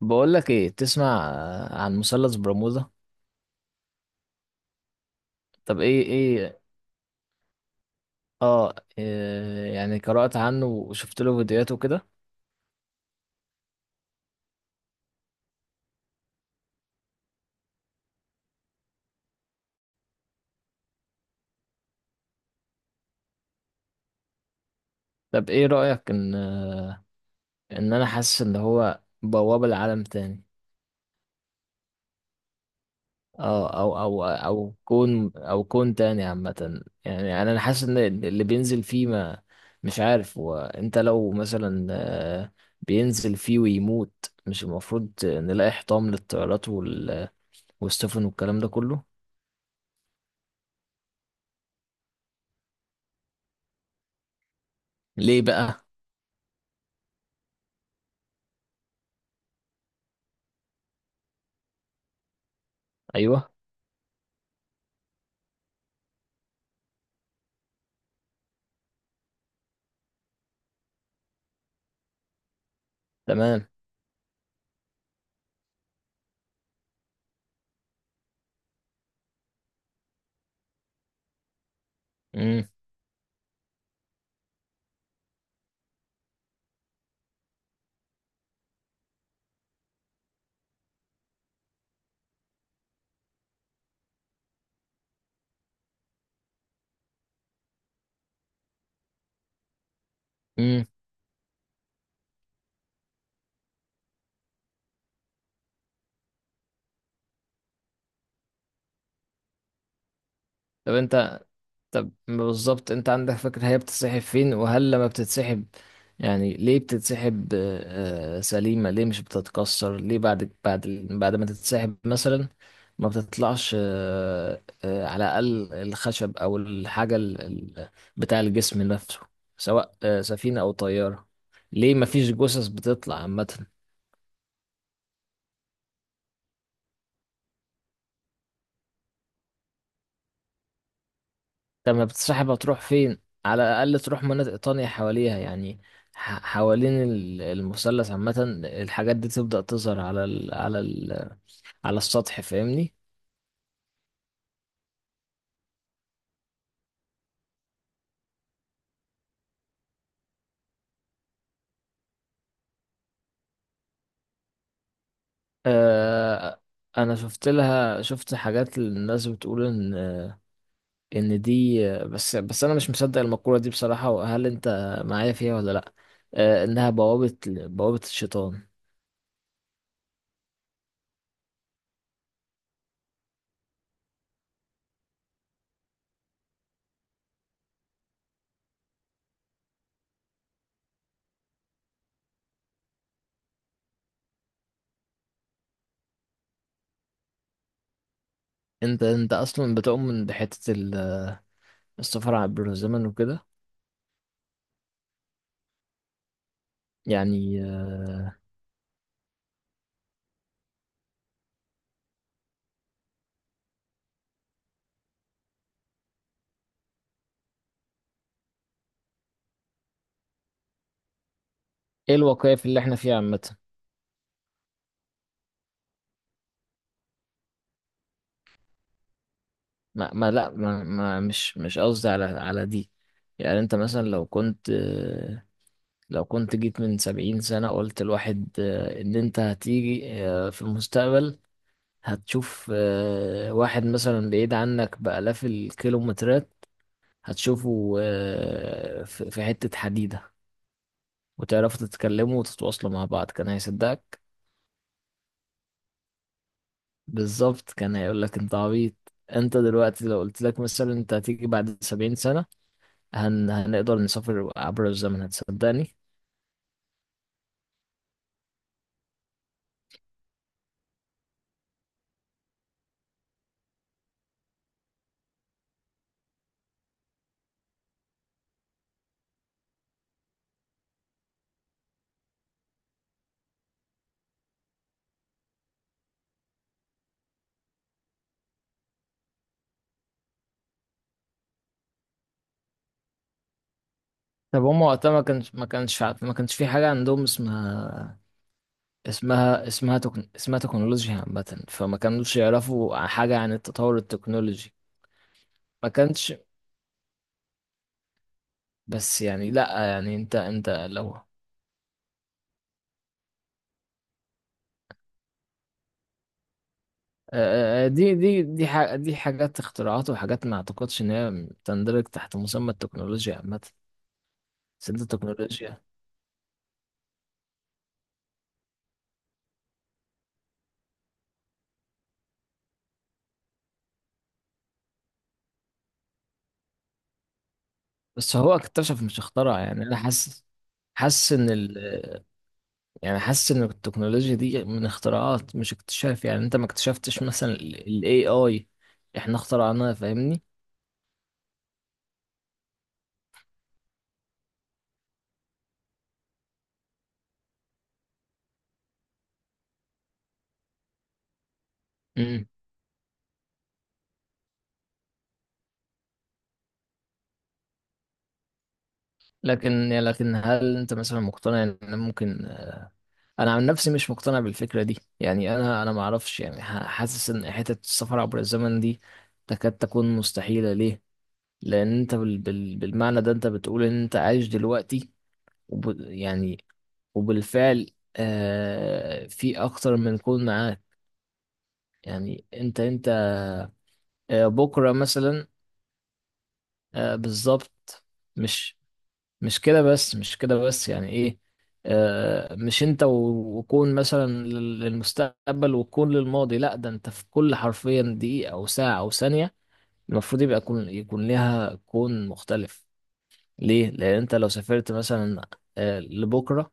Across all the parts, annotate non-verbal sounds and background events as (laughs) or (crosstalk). بقول لك ايه، تسمع عن مثلث برمودا؟ طب ايه؟ اه، إيه، يعني قرأت عنه وشفت له فيديوهات وكده. طب ايه رأيك ان انا حاسس ان هو بوابة لعالم تاني؟ اه، او كون او كون تاني عامة، يعني أنا حاسس ان اللي بينزل فيه ما... مش عارف. وانت لو مثلا بينزل فيه ويموت، مش المفروض نلاقي حطام للطيارات والسفن والكلام ده كله؟ ليه بقى؟ ايوه. تمام. امم. امم. طب انت طب بالظبط، انت عندك فكرة هي بتتسحب فين؟ وهل لما بتتسحب يعني ليه بتتسحب سليمة؟ ليه مش بتتكسر؟ ليه بعد ما تتسحب مثلا ما بتطلعش على الأقل الخشب أو الحاجة بتاع الجسم نفسه، سواء سفينة أو طيارة؟ ليه ما فيش جثث بتطلع عامة؟ طب ما بتسحب، هتروح فين؟ على الاقل تروح مناطق تانية حواليها، يعني حوالين المثلث عامة الحاجات دي تبدأ تظهر على على السطح، فاهمني؟ آه. انا شفت حاجات، الناس بتقول ان دي... بس انا مش مصدق المقولة دي بصراحة. وهل انت معايا فيها ولا لا؟ آه، انها بوابة الشيطان. انت اصلا بتؤمن بحتة السفر عبر الزمن وكده؟ يعني ايه الواقعية في اللي احنا فيها عامة؟ ما لا، ما مش قصدي على دي. يعني انت مثلا لو كنت، جيت من 70 سنة قلت الواحد ان انت هتيجي في المستقبل، هتشوف واحد مثلا بعيد عنك بآلاف الكيلومترات، هتشوفه في حتة حديدة، وتعرفوا تتكلموا وتتواصلوا مع بعض، كان هيصدقك؟ بالظبط، كان هيقولك انت عبيط. انت دلوقتي لو قلت لك مثلا انت هتيجي بعد 70 سنة، هنقدر نسافر عبر الزمن، هتصدقني؟ طب هما وقتها ما كانش في حاجة عندهم اسمها، اسمها تكنولوجيا عامة، فما كانوش يعرفوا حاجة عن التطور التكنولوجي. ما كانش... بس يعني لا، يعني انت لو دي حاجات اختراعات وحاجات، ما اعتقدش ان هي تندرج تحت مسمى التكنولوجيا عامة. بس انت التكنولوجيا... بس هو اكتشف مش اخترع، يعني انا حاسس، ان يعني حاسس ان التكنولوجيا دي من اختراعات مش اكتشاف، يعني انت ما اكتشفتش مثلا ال AI، احنا اخترعناها، فاهمني؟ امم. لكن يعني، لكن هل انت مثلا مقتنع ان ممكن انا عن نفسي مش مقتنع بالفكرة دي، يعني انا ما اعرفش، يعني حاسس ان حتة السفر عبر الزمن دي تكاد تكون مستحيلة. ليه؟ لان انت بالمعنى ده انت بتقول ان انت عايش دلوقتي، يعني وبالفعل في اكتر من كون معاك. يعني انت بكرة مثلا، بالظبط. مش، مش كده بس، مش كده بس، يعني ايه؟ مش انت وكون مثلا للمستقبل وكون للماضي، لا، ده انت في كل حرفيا دقيقة او ساعة او ثانية المفروض يبقى يكون، ليها كون مختلف. ليه؟ لان انت لو سافرت مثلا لبكرة،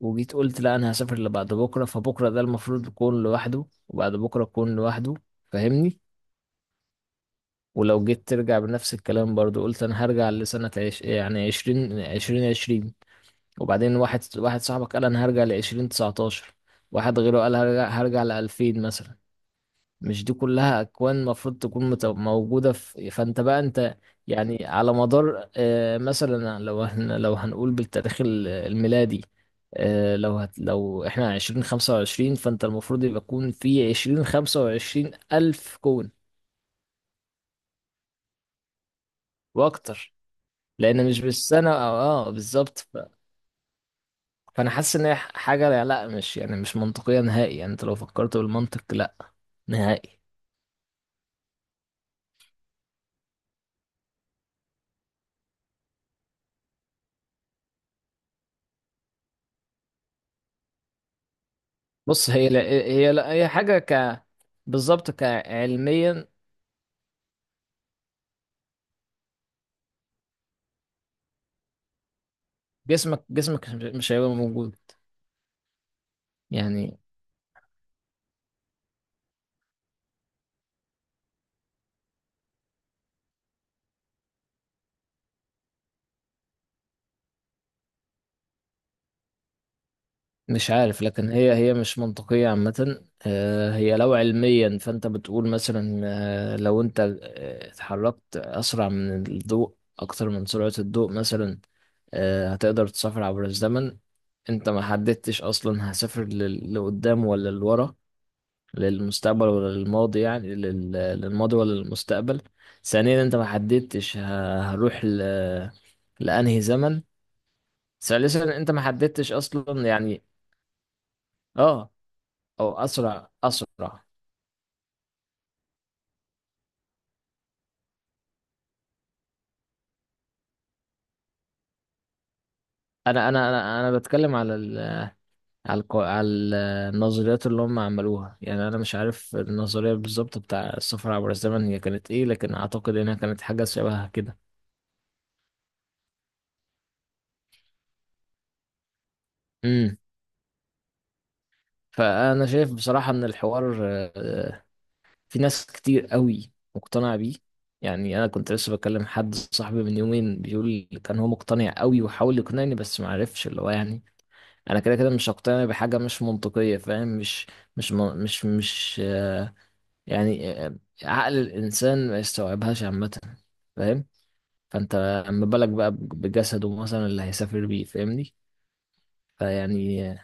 وجيت قلت لا انا هسافر لبعد بكرة، فبكرة ده المفروض يكون لوحده، وبعد بكرة يكون لوحده، فاهمني؟ ولو جيت ترجع بنفس الكلام برضو قلت انا هرجع لسنة يعني عشرين عشرين، وبعدين واحد صاحبك قال انا هرجع لعشرين تسعتاشر، واحد غيره قال هرجع لـ2000 مثلا. مش دي كلها أكوان المفروض تكون موجودة في، فأنت بقى أنت يعني على مدار مثلا، لو لو هنقول بالتاريخ الميلادي، لو لو احنا 2025، فأنت المفروض يبقى يكون في 2025 ألف كون وأكتر. لان مش بالسنه او، اه، بالظبط، فانا حاسس ان هي حاجه لا مش، يعني مش منطقيه نهائي، يعني انت لو فكرت بالمنطق لا نهائي. بص، هي لا هي حاجه بالظبط، كعلميا، جسمك مش هيبقى موجود. يعني مش عارف، لكن هي مش منطقية عامة. هي لو علميا، فأنت بتقول مثلا لو أنت اتحركت أسرع من الضوء، أكتر من سرعة الضوء مثلا، هتقدر تسافر عبر الزمن. أنت ما حددتش أصلا هسافر لقدام ولا لورا، للمستقبل ولا للماضي، يعني للماضي ولا للمستقبل. ثانيا، أنت ما حددتش هروح لأنهي زمن. ثالثا، أنت ما حددتش أصلا يعني... اه، او اسرع. انا بتكلم على على النظريات اللي هم عملوها، يعني انا مش عارف النظريه بالظبط بتاع السفر عبر الزمن هي كانت ايه، لكن اعتقد انها كانت حاجه شبهها كده. امم. فانا شايف بصراحه ان الحوار آه، في ناس كتير قوي مقتنعه بيه. يعني انا كنت لسه بكلم حد صاحبي من يومين، بيقول لي كان هو مقتنع قوي وحاول يقنعني بس ما عرفش. اللي هو يعني، انا كده كده مش هقتنع بحاجه مش منطقيه، فاهم؟ مش مش م- مش مش آه، يعني عقل الإنسان ما يستوعبهاش عامة، فاهم؟ فأنت أما بالك بقى بجسده مثلا اللي هيسافر بيه، فاهمني؟ فيعني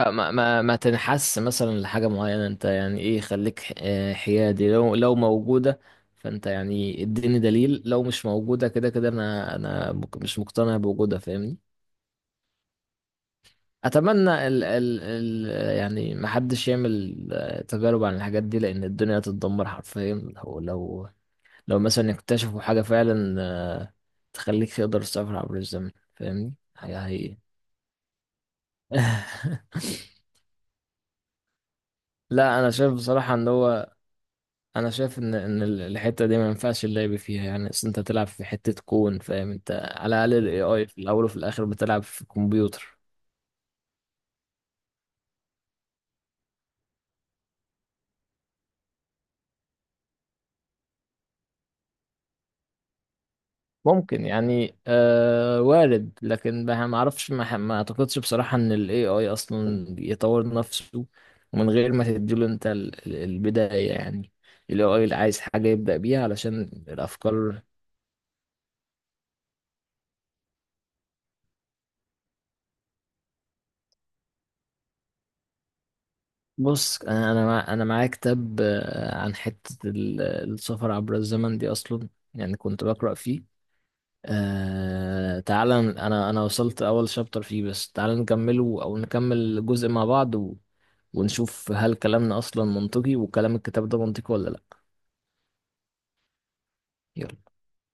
ما تنحس مثلا لحاجة معينة، أنت يعني إيه، خليك حيادي، لو موجودة فأنت يعني اديني دليل، لو مش موجودة كده كده أنا، مش مقتنع بوجودها، فاهمني؟ أتمنى ال ال ال يعني محدش يعمل تجارب عن الحاجات دي، لأن الدنيا هتتدمر حرفيا لو، مثلا اكتشفوا حاجة فعلا تخليك تقدر تسافر عبر الزمن، فاهمني؟ حاجة حقيقية. (laughs) لا، انا شايف بصراحة ان هو، انا شايف ان الحتة دي ما ينفعش اللعب فيها، يعني اصل انت تلعب في حتة كون، فاهم؟ انت على الاقل الـAI في الاول وفي الاخر بتلعب في كمبيوتر. ممكن يعني، آه وارد، لكن ما ما اعرفش، ما, ما اعتقدش بصراحة ان ال AI اصلا يطور نفسه من غير ما تديله انت البداية يعني. ال AI اللي عايز حاجة يبدأ بيها علشان الافكار. بص، انا معايا كتاب عن حتة السفر عبر الزمن دي اصلا، يعني كنت بقرأ فيه. تعال، انا وصلت اول شابتر فيه بس، تعال نكمله او نكمل جزء مع بعض ونشوف هل كلامنا اصلا منطقي وكلام الكتاب ده منطقي ولا لا. يلا.